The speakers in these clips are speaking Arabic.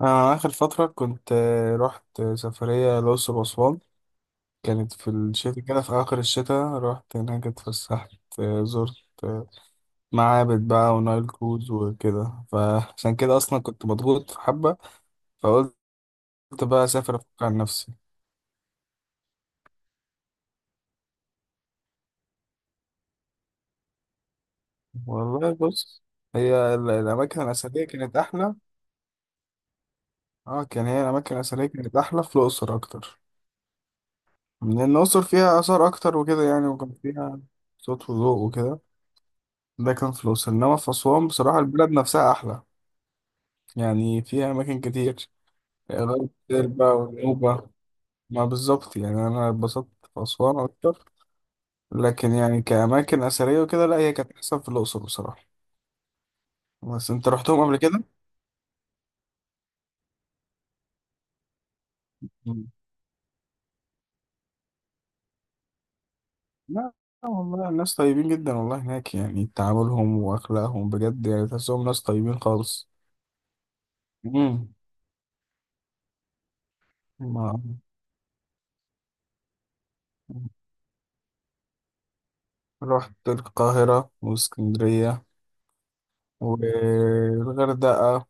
أنا آخر فترة كنت رحت سفرية الأقصر وأسوان. كانت في الشتاء كده، في آخر الشتاء رحت هناك اتفسحت. زرت آه، معابد بقى ونايل كروز وكده، فعشان كده أصلا كنت مضغوط في حبة، فقلت بقى أسافر أفك عن نفسي. والله بص، هي الأماكن الأثرية كانت أحلى. اه كان هي الأماكن الأثرية كانت أحلى في الأقصر أكتر، لأن الأقصر فيها آثار أكتر وكده يعني، وكان فيها صوت وضوء وكده. ده كان في الأقصر، إنما في أسوان بصراحة البلد نفسها أحلى، يعني فيها أماكن كتير غير بقى ونوبة، ما بالظبط. يعني أنا اتبسطت في أسوان أكتر، لكن يعني كأماكن أثرية وكده لا، هي كانت أحسن في الأقصر بصراحة. بس أنت رحتهم قبل كده؟ مم. لا، لا والله الناس طيبين جدا والله هناك، يعني تعاملهم وأخلاقهم بجد، يعني تحسهم ناس طيبين خالص. مم. ما رحت القاهرة واسكندرية والغردقة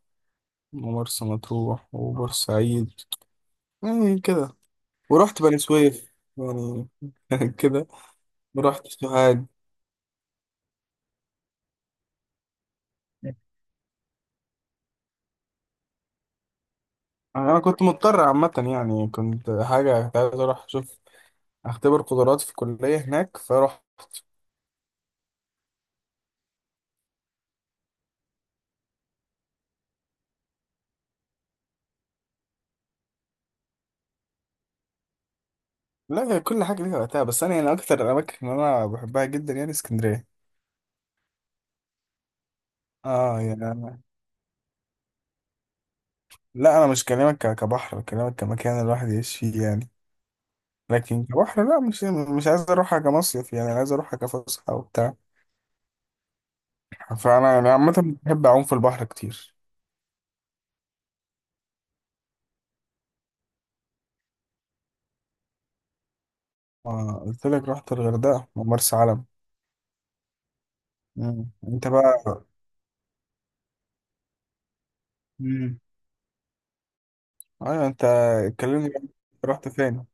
ومرسى مطروح وبورسعيد، يعني كده. ورحت بني سويف يعني كده. ورحت سوهاج. انا كنت مضطر عامة، يعني كنت عايز اروح اشوف، اختبر قدراتي في الكلية هناك فاروح. لا، هي كل حاجة ليها وقتها، بس انا يعني اكتر الاماكن اللي انا بحبها جدا يعني اسكندرية. اه يعني أنا لا، انا مش كلامك كبحر، كلامك كمكان الواحد يعيش فيه يعني. لكن كبحر، لا، مش عايز اروحها كمصيف، يعني عايز اروحها كفسحة وبتاع. فانا يعني عامه بحب اعوم في البحر كتير. ما قلت لك رحت الغردقه ومرسى علم. مم. انت بقى. مم. ايوه انت، اتكلمني بقى، رحت فين؟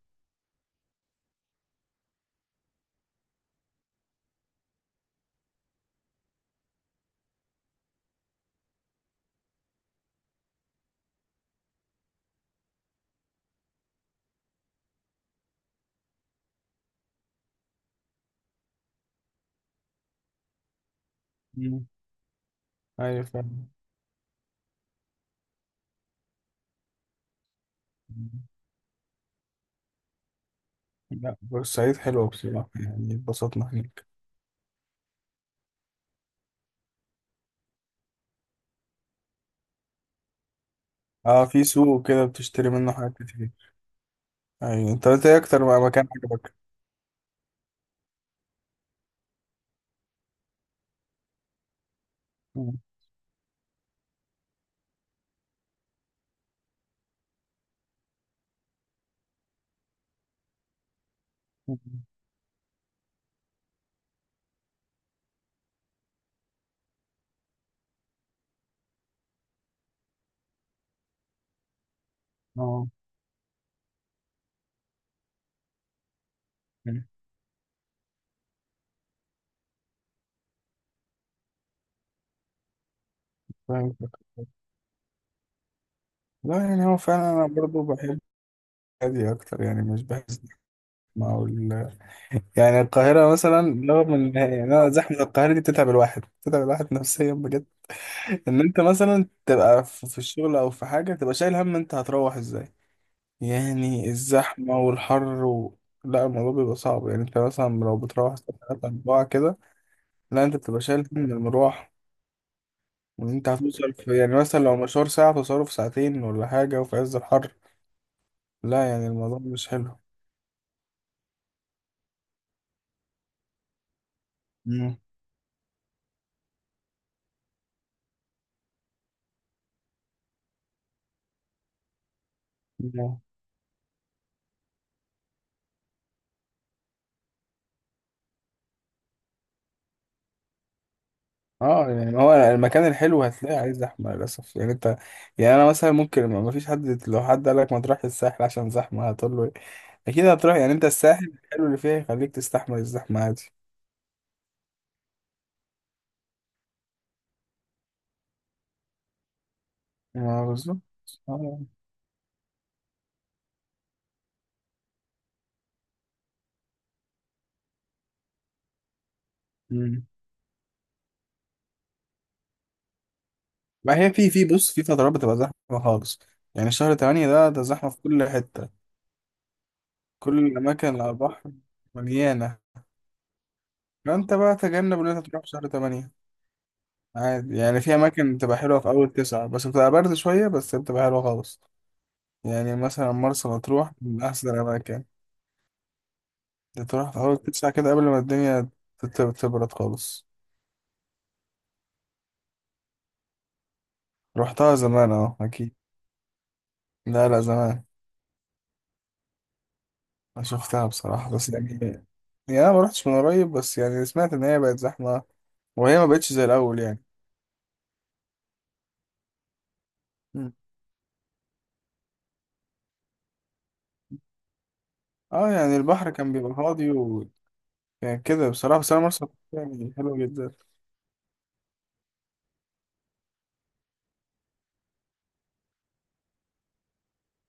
مم. ايوه فاهم. مم. لا بورسعيد حلوه بصراحه، يعني اتبسطنا هناك. اه، في سوق كده بتشتري منه حاجات كتير. ايوه، انت قلت ايه اكتر بقى مكان عجبك؟ مم. مم. اه. مم. فاهم. لا، يعني هو فعلا انا برضو بحب هادي اكتر، يعني مش بحس. ما هو يعني القاهرة مثلا، رغم ان يعني أنا زحمة القاهرة دي بتتعب الواحد، بتتعب الواحد نفسيا بجد. ان انت مثلا تبقى في الشغل او في حاجة تبقى شايل هم انت هتروح ازاي، يعني الزحمة والحر. و... لا الموضوع بيبقى صعب، يعني انت مثلا لو بتروح الساعة 3 4 كده. لا، انت بتبقى شايل هم المروح، وان انت هتوصل في، يعني مثلا لو مشوار ساعة توصله في ساعتين ولا حاجة، وفي عز الحر. لا يعني الموضوع مش حلو. مم. اه يعني هو المكان الحلو هتلاقيه عليه زحمه للاسف، يعني انت. يعني انا مثلا ممكن ما فيش حد، لو حد قال لك ما تروحش الساحل عشان زحمه هتقول له إيه؟ اكيد هتروح، يعني انت الساحل الحلو اللي فيها يخليك تستحمل الزحمه عادي. ما بالظبط. آه. مم. ما هي في بص، في فترات بتبقى زحمه خالص، يعني شهر تمانية ده زحمه في كل حته. كل الاماكن اللي على البحر مليانه. فانت بقى تجنب ان انت تروح في شهر تمانية. عادي، يعني في اماكن بتبقى حلوه في اول تسعة، بس بتبقى برد شويه، بس بتبقى حلوه خالص. يعني مثلا مرسى مطروح من أحسن الأماكن، أنت تروح في أول تسعة كده قبل ما الدنيا تبرد خالص. رحتها زمان، أه أكيد. لا لا زمان. أنا شفتها بصراحة بس يعني، يعني أنا ما رحتش من قريب، بس يعني سمعت إن هي بقت زحمة، وهي ما بقتش زي الأول يعني. مم. أه، يعني البحر كان بيبقى فاضي وكان كده بصراحة، بس أنا مرسى مطروح يعني حلوة جدا.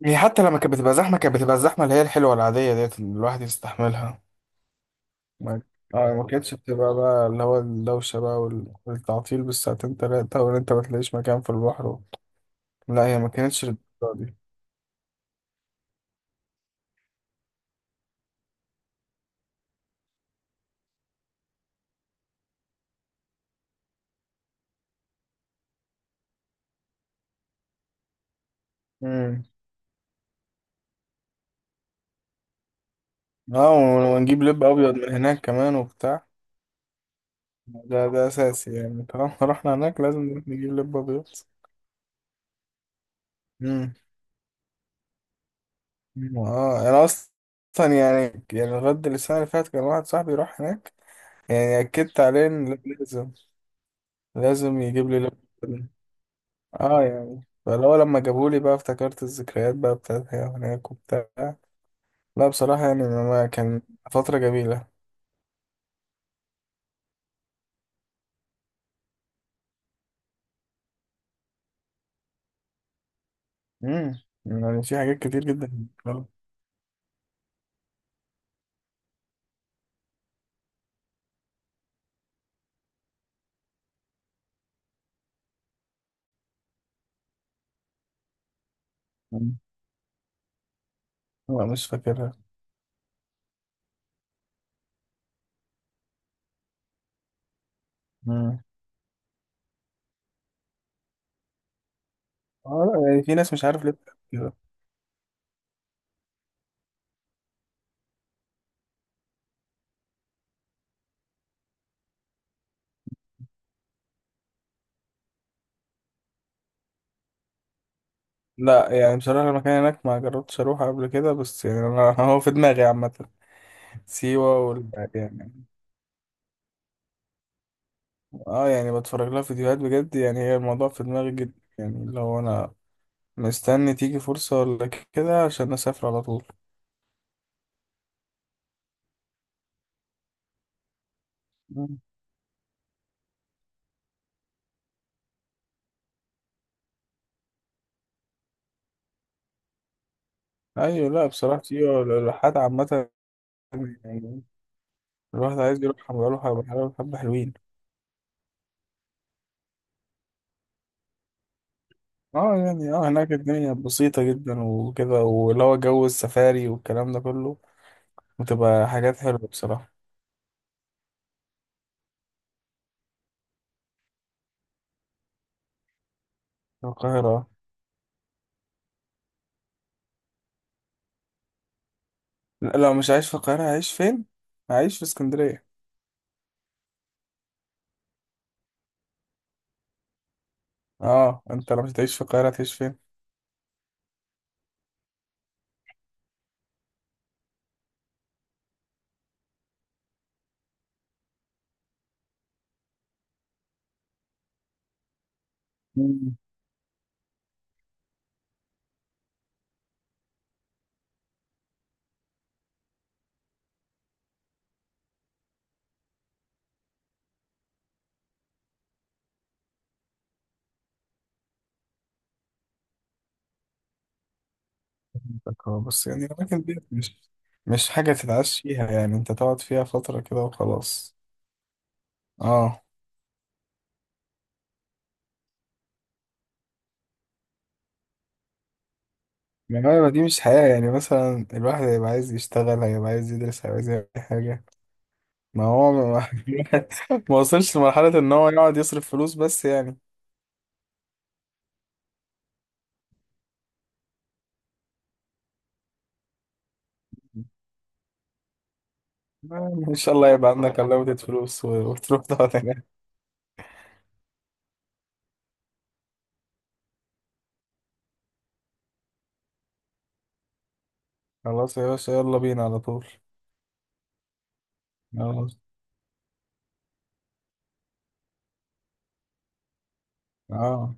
هي حتى لما كانت بتبقى زحمة كانت بتبقى الزحمة اللي هي الحلوة العادية ديت اللي الواحد يستحملها. ما اه، ما كانتش بتبقى بقى اللي هو الدوشة بقى والتعطيل بالساعتين تلاتة، وإن أنت ما تلاقيش مكان في البحر. لا، هي ما كانتش للدرجة دي. امم اه، ونجيب لب أبيض من هناك كمان وبتاع. ده أساسي، يعني طالما رحنا هناك لازم نروح نجيب لب أبيض. امم اه، أنا أصلا يعني لغاية السنة اللي فاتت كان واحد صاحبي راح هناك، يعني أكدت عليه إن لازم، لازم يجيب لي لب. اه، يعني لما جابولي بقى افتكرت الذكريات بقى بتاعتها هناك وبتاع. لا بصراحة يعني ما كان، فترة جميلة. يعني في حاجات كتير جدا. مم. لا مش فاكرها. مم. اه، لا يعني في ناس مش عارف ليه بتعمل كده. لا، يعني بصراحة المكان هناك ما جربتش اروح قبل كده، بس يعني انا هو في دماغي عامة. سيوة يعني، اه يعني بتفرج لها فيديوهات بجد، يعني هي الموضوع في دماغي جدا، يعني لو انا مستني تيجي فرصة ولا كده عشان اسافر على طول. ايوه، لا بصراحه سيوه الرحلات عامه يعني، الواحد عايز يروح يروح بحلاوه حبه حلوين. اه يعني هناك الدنيا بسيطه جدا وكده، واللي هو جو السفاري والكلام ده كله، وتبقى حاجات حلوه بصراحه. القاهره آه. لا لو مش عايش في القاهره هعيش فين؟ هعيش في اسكندريه. اه، انت لو مش هتعيش في القاهره هتعيش فين؟ مم، فهمتك. اه، بس يعني الاماكن دي مش حاجه تتعاش فيها، يعني انت تقعد فيها فتره كده وخلاص. اه، ما هو دي مش حياة، يعني مثلا الواحد هيبقى عايز يشتغل، هيبقى عايز يدرس، هيبقى عايز يعمل أي حاجة. ما هو ما, ما وصلش لمرحلة إن هو يقعد يصرف فلوس بس يعني. إن شاء الله يبقى عندك unlimited فلوس و- وتروح تقعد هناك. خلاص يا باشا، يلا بينا على طول. خلاص. اه.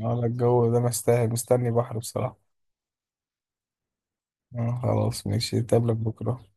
اه لا، الجو ده مستاهل، مستني بحر بصراحة. خلاص ماشي، نتقابلك بكرة.